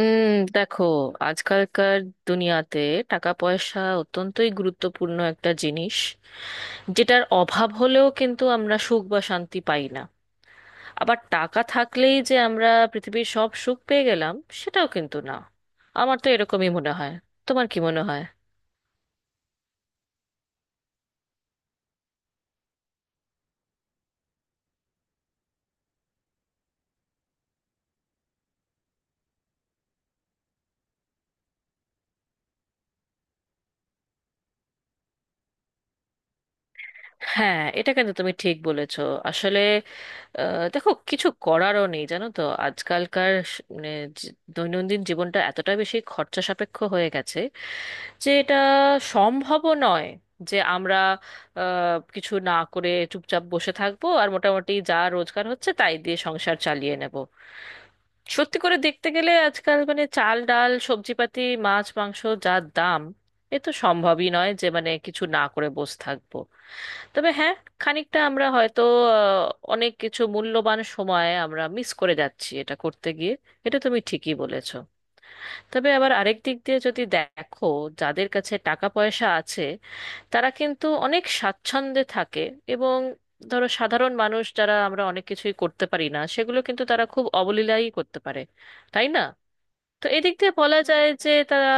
উম দেখো, আজকালকার দুনিয়াতে টাকা পয়সা অত্যন্তই গুরুত্বপূর্ণ একটা জিনিস। যেটার অভাব হলেও কিন্তু আমরা সুখ বা শান্তি পাই না। আবার টাকা থাকলেই যে আমরা পৃথিবীর সব সুখ পেয়ে গেলাম, সেটাও কিন্তু না। আমার তো এরকমই মনে হয়, তোমার কি মনে হয়? হ্যাঁ, এটা কিন্তু তুমি ঠিক বলেছো। আসলে দেখো, কিছু করারও নেই, জানো তো আজকালকার মানে দৈনন্দিন জীবনটা এতটা বেশি খরচা সাপেক্ষ হয়ে গেছে যে এটা সম্ভবও নয় যে আমরা কিছু না করে চুপচাপ বসে থাকবো আর মোটামুটি যা রোজগার হচ্ছে তাই দিয়ে সংসার চালিয়ে নেব। সত্যি করে দেখতে গেলে আজকাল মানে চাল ডাল সবজিপাতি, মাছ মাংস যা দাম, এ তো সম্ভবই নয় যে মানে কিছু না করে বসে থাকবো। তবে হ্যাঁ, খানিকটা আমরা হয়তো অনেক কিছু মূল্যবান সময় আমরা মিস করে যাচ্ছি এটা করতে গিয়ে। এটা তুমি ঠিকই বলেছো। তবে আবার আরেক দিক দিয়ে যদি দেখো, যাদের কাছে টাকা পয়সা আছে, তারা কিন্তু অনেক স্বাচ্ছন্দ্যে থাকে। এবং ধরো, সাধারণ মানুষ যারা আমরা অনেক কিছুই করতে পারি না, সেগুলো কিন্তু তারা খুব অবলীলায় করতে পারে, তাই না? তো এদিক দিয়ে বলা যায় যে তারা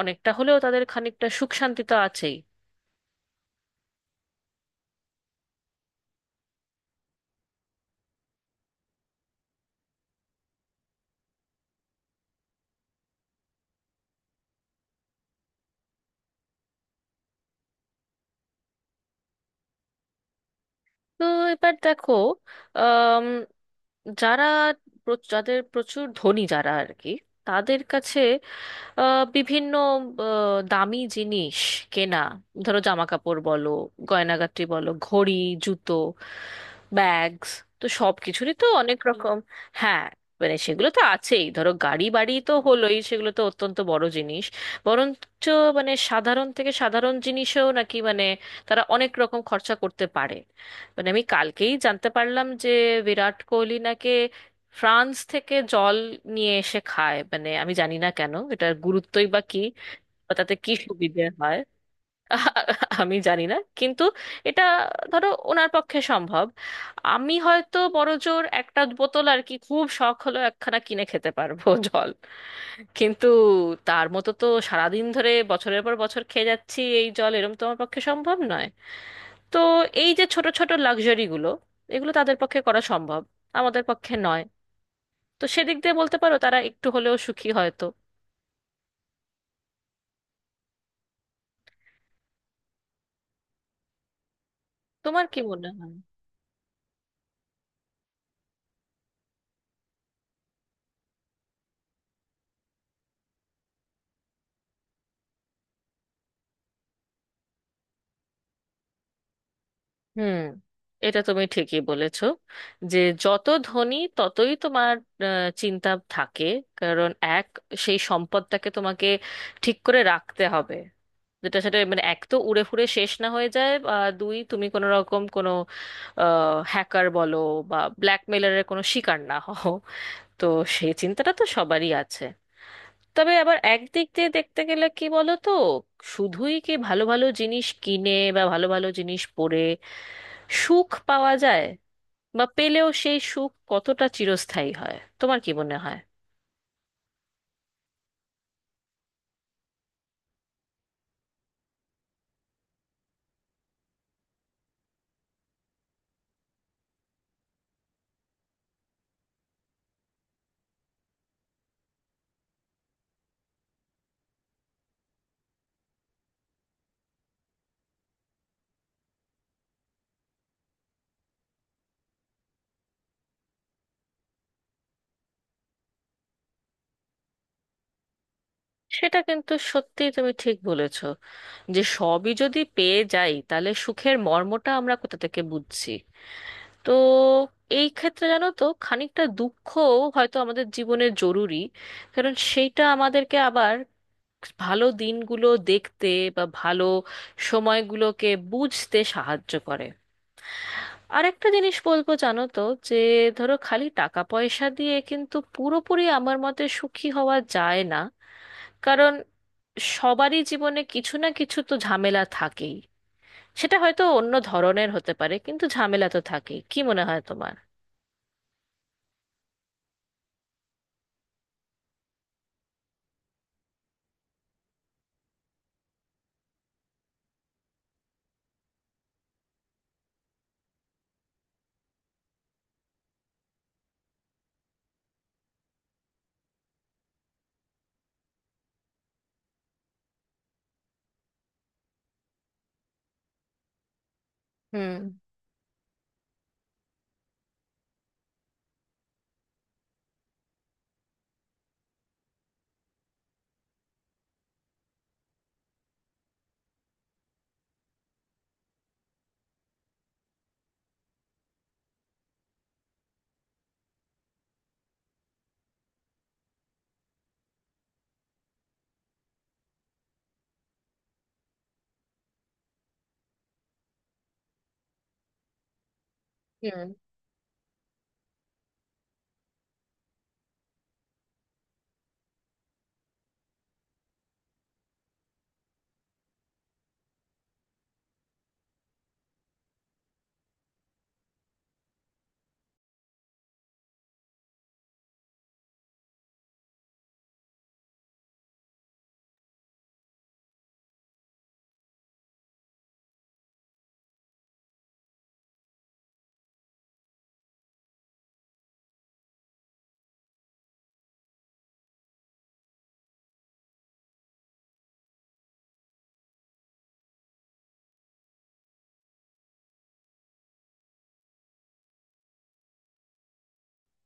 অনেকটা হলেও তাদের খানিকটা সুখ শান্তি তো আছেই। তো এবার দেখো, আম, যারা যাদের প্রচুর ধনী যারা আর কি, তাদের কাছে বিভিন্ন দামি জিনিস কেনা, ধরো জামা কাপড় বলো, গয়নাগাটি বলো, ঘড়ি, জুতো, ব্যাগস, তো সব কিছুরই তো অনেক রকম। হ্যাঁ, মানে সেগুলো তো আছেই, ধরো গাড়ি বাড়ি তো হলোই, সেগুলো তো অত্যন্ত বড় জিনিস। বরঞ্চ মানে সাধারণ থেকে সাধারণ জিনিসেও নাকি মানে তারা অনেক রকম খরচা করতে পারে। মানে আমি কালকেই জানতে পারলাম যে বিরাট কোহলি নাকি ফ্রান্স থেকে জল নিয়ে এসে খায়, মানে আমি জানি না কেন, এটার গুরুত্বই বা কি বা তাতে কি সুবিধে হয়। আমি জানি না, কিন্তু এটা ধরো ওনার পক্ষে সম্ভব। আমি হয়তো বড়জোর একটা বোতল আর কি, খুব শখ হলো একখানা কিনে খেতে পারবো জল, কিন্তু তার মতো তো সারাদিন ধরে বছরের পর বছর খেয়ে যাচ্ছি এই জল এরম তো আমার পক্ষে সম্ভব নয়। তো এই যে ছোট ছোট লাক্সারিগুলো, এগুলো তাদের পক্ষে করা সম্ভব, আমাদের পক্ষে নয়। তো সেদিক দিয়ে বলতে পারো তারা একটু হলেও সুখী হয়তো। তোমার কি মনে হয়? হুম, এটা তুমি ঠিকই বলেছো। যে যত ধনী, ততই তোমার চিন্তা থাকে। কারণ এক, সেই সম্পদটাকে তোমাকে ঠিক করে রাখতে হবে, যেটা সেটা মানে এক তো উড়ে ফুড়ে শেষ না হয়ে যায়, বা দুই, তুমি কোনো রকম কোনো হ্যাকার বলো, বা ব্ল্যাকমেলারের কোনো শিকার না হও। তো সেই চিন্তাটা তো সবারই আছে। তবে আবার একদিক দিয়ে দেখতে গেলে কি বলো তো, শুধুই কি ভালো ভালো জিনিস কিনে বা ভালো ভালো জিনিস পরে সুখ পাওয়া যায়, বা পেলেও সেই সুখ কতটা চিরস্থায়ী হয়, তোমার কি মনে হয়? সেটা কিন্তু সত্যি তুমি ঠিক বলেছ, যে সবই যদি পেয়ে যাই তাহলে সুখের মর্মটা আমরা কোথা থেকে বুঝছি? তো এই ক্ষেত্রে জানো তো, খানিকটা দুঃখও হয়তো আমাদের জীবনে জরুরি, কারণ সেইটা আমাদেরকে আবার ভালো দিনগুলো দেখতে বা ভালো সময়গুলোকে বুঝতে সাহায্য করে। আরেকটা জিনিস বলবো, জানো তো, যে ধরো খালি টাকা পয়সা দিয়ে কিন্তু পুরোপুরি আমার মতে সুখী হওয়া যায় না। কারণ সবারই জীবনে কিছু না কিছু তো ঝামেলা থাকেই। সেটা হয়তো অন্য ধরনের হতে পারে, কিন্তু ঝামেলা তো থাকেই, কি মনে হয় তোমার? হুম, হুম।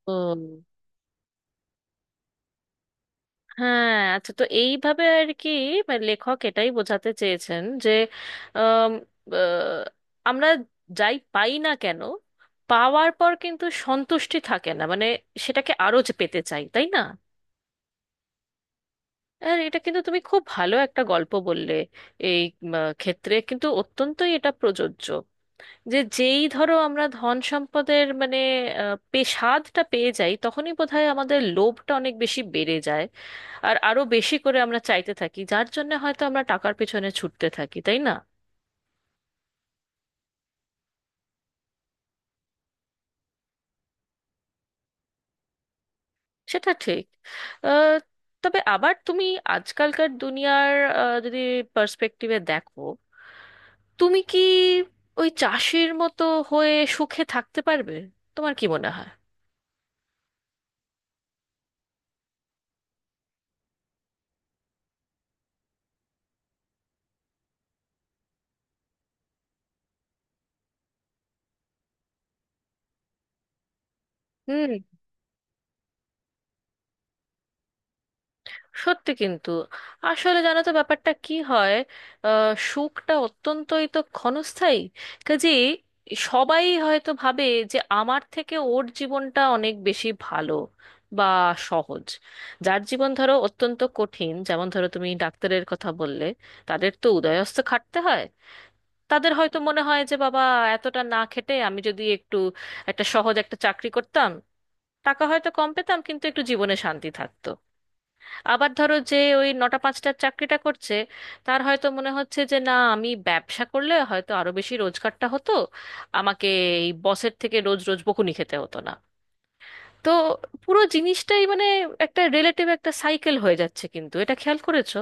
তো হ্যাঁ, আচ্ছা, তো এইভাবে আর কি, মানে লেখক এটাই বোঝাতে চেয়েছেন যে আম, আহ, আমরা যাই পাই না কেন, পাওয়ার পর কিন্তু সন্তুষ্টি থাকে না, মানে সেটাকে আরো যে পেতে চাই, তাই না? আর এটা কিন্তু তুমি খুব ভালো একটা গল্প বললে। এই ক্ষেত্রে কিন্তু অত্যন্তই এটা প্রযোজ্য। যে যেই ধরো আমরা ধন সম্পদের মানে স্বাদটা পেয়ে যাই, তখনই বোধহয় আমাদের লোভটা অনেক বেশি বেড়ে যায়। আর আরো বেশি করে আমরা চাইতে থাকি, যার জন্য হয়তো আমরা টাকার পেছনে ছুটতে থাকি, তাই না? সেটা ঠিক। আহ, তবে আবার তুমি আজকালকার দুনিয়ার যদি পার্সপেক্টিভে দেখো, তুমি কি ওই চাষির মতো হয়ে সুখে থাকতে পারবে? তোমার কি মনে হয়? হুম, সত্যি কিন্তু। আসলে জানো তো, ব্যাপারটা কি হয়, সুখটা অত্যন্তই তো ক্ষণস্থায়ী। কাজে সবাই হয়তো ভাবে যে আমার থেকে ওর জীবনটা অনেক বেশি ভালো বা সহজ। যার জীবন ধরো অত্যন্ত কঠিন, যেমন ধরো তুমি ডাক্তারের কথা বললে, তাদের তো উদয়স্থ খাটতে হয়। তাদের হয়তো মনে হয় যে বাবা, এতটা না খেটে আমি যদি একটু একটা সহজ একটা চাকরি করতাম, টাকা হয়তো কম পেতাম কিন্তু একটু জীবনে শান্তি থাকতো। আবার ধরো, যে ওই 9টা-5টার চাকরিটা করছে, তার হয়তো মনে হচ্ছে যে না, আমি ব্যবসা করলে হয়তো আরো বেশি রোজগারটা হতো, আমাকে এই বসের থেকে রোজ রোজ বকুনি খেতে হতো না। তো পুরো জিনিসটাই মানে একটা রিলেটিভ একটা সাইকেল হয়ে যাচ্ছে, কিন্তু এটা খেয়াল করেছো?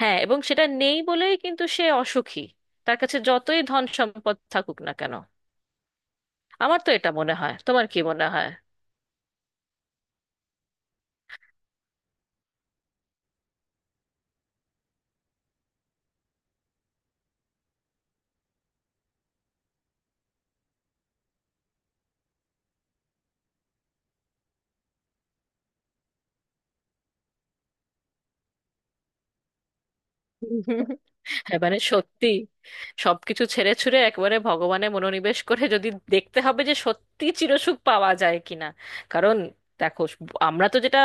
হ্যাঁ, এবং সেটা নেই বলেই কিন্তু সে অসুখী, তার কাছে যতই ধন সম্পদ থাকুক না কেন। আমার তো এটা মনে হয়, তোমার কি মনে হয়? এবারে সত্যি, সবকিছু ছেড়ে ছুড়ে একবারে ভগবানে মনোনিবেশ করে যদি দেখতে হবে যে সত্যি চিরসুখ পাওয়া যায় কিনা। কারণ দেখো, আমরা তো যেটা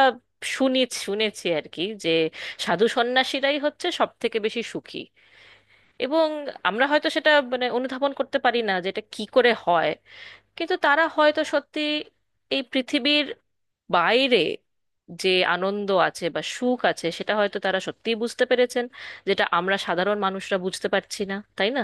শুনি, শুনেছি আর কি, যে সাধু সন্ন্যাসীরাই হচ্ছে সব থেকে বেশি সুখী। এবং আমরা হয়তো সেটা মানে অনুধাবন করতে পারি না যে এটা কি করে হয়। কিন্তু তারা হয়তো সত্যি এই পৃথিবীর বাইরে যে আনন্দ আছে বা সুখ আছে, সেটা হয়তো তারা সত্যিই বুঝতে পেরেছেন, যেটা আমরা সাধারণ মানুষরা বুঝতে পারছি না, তাই না?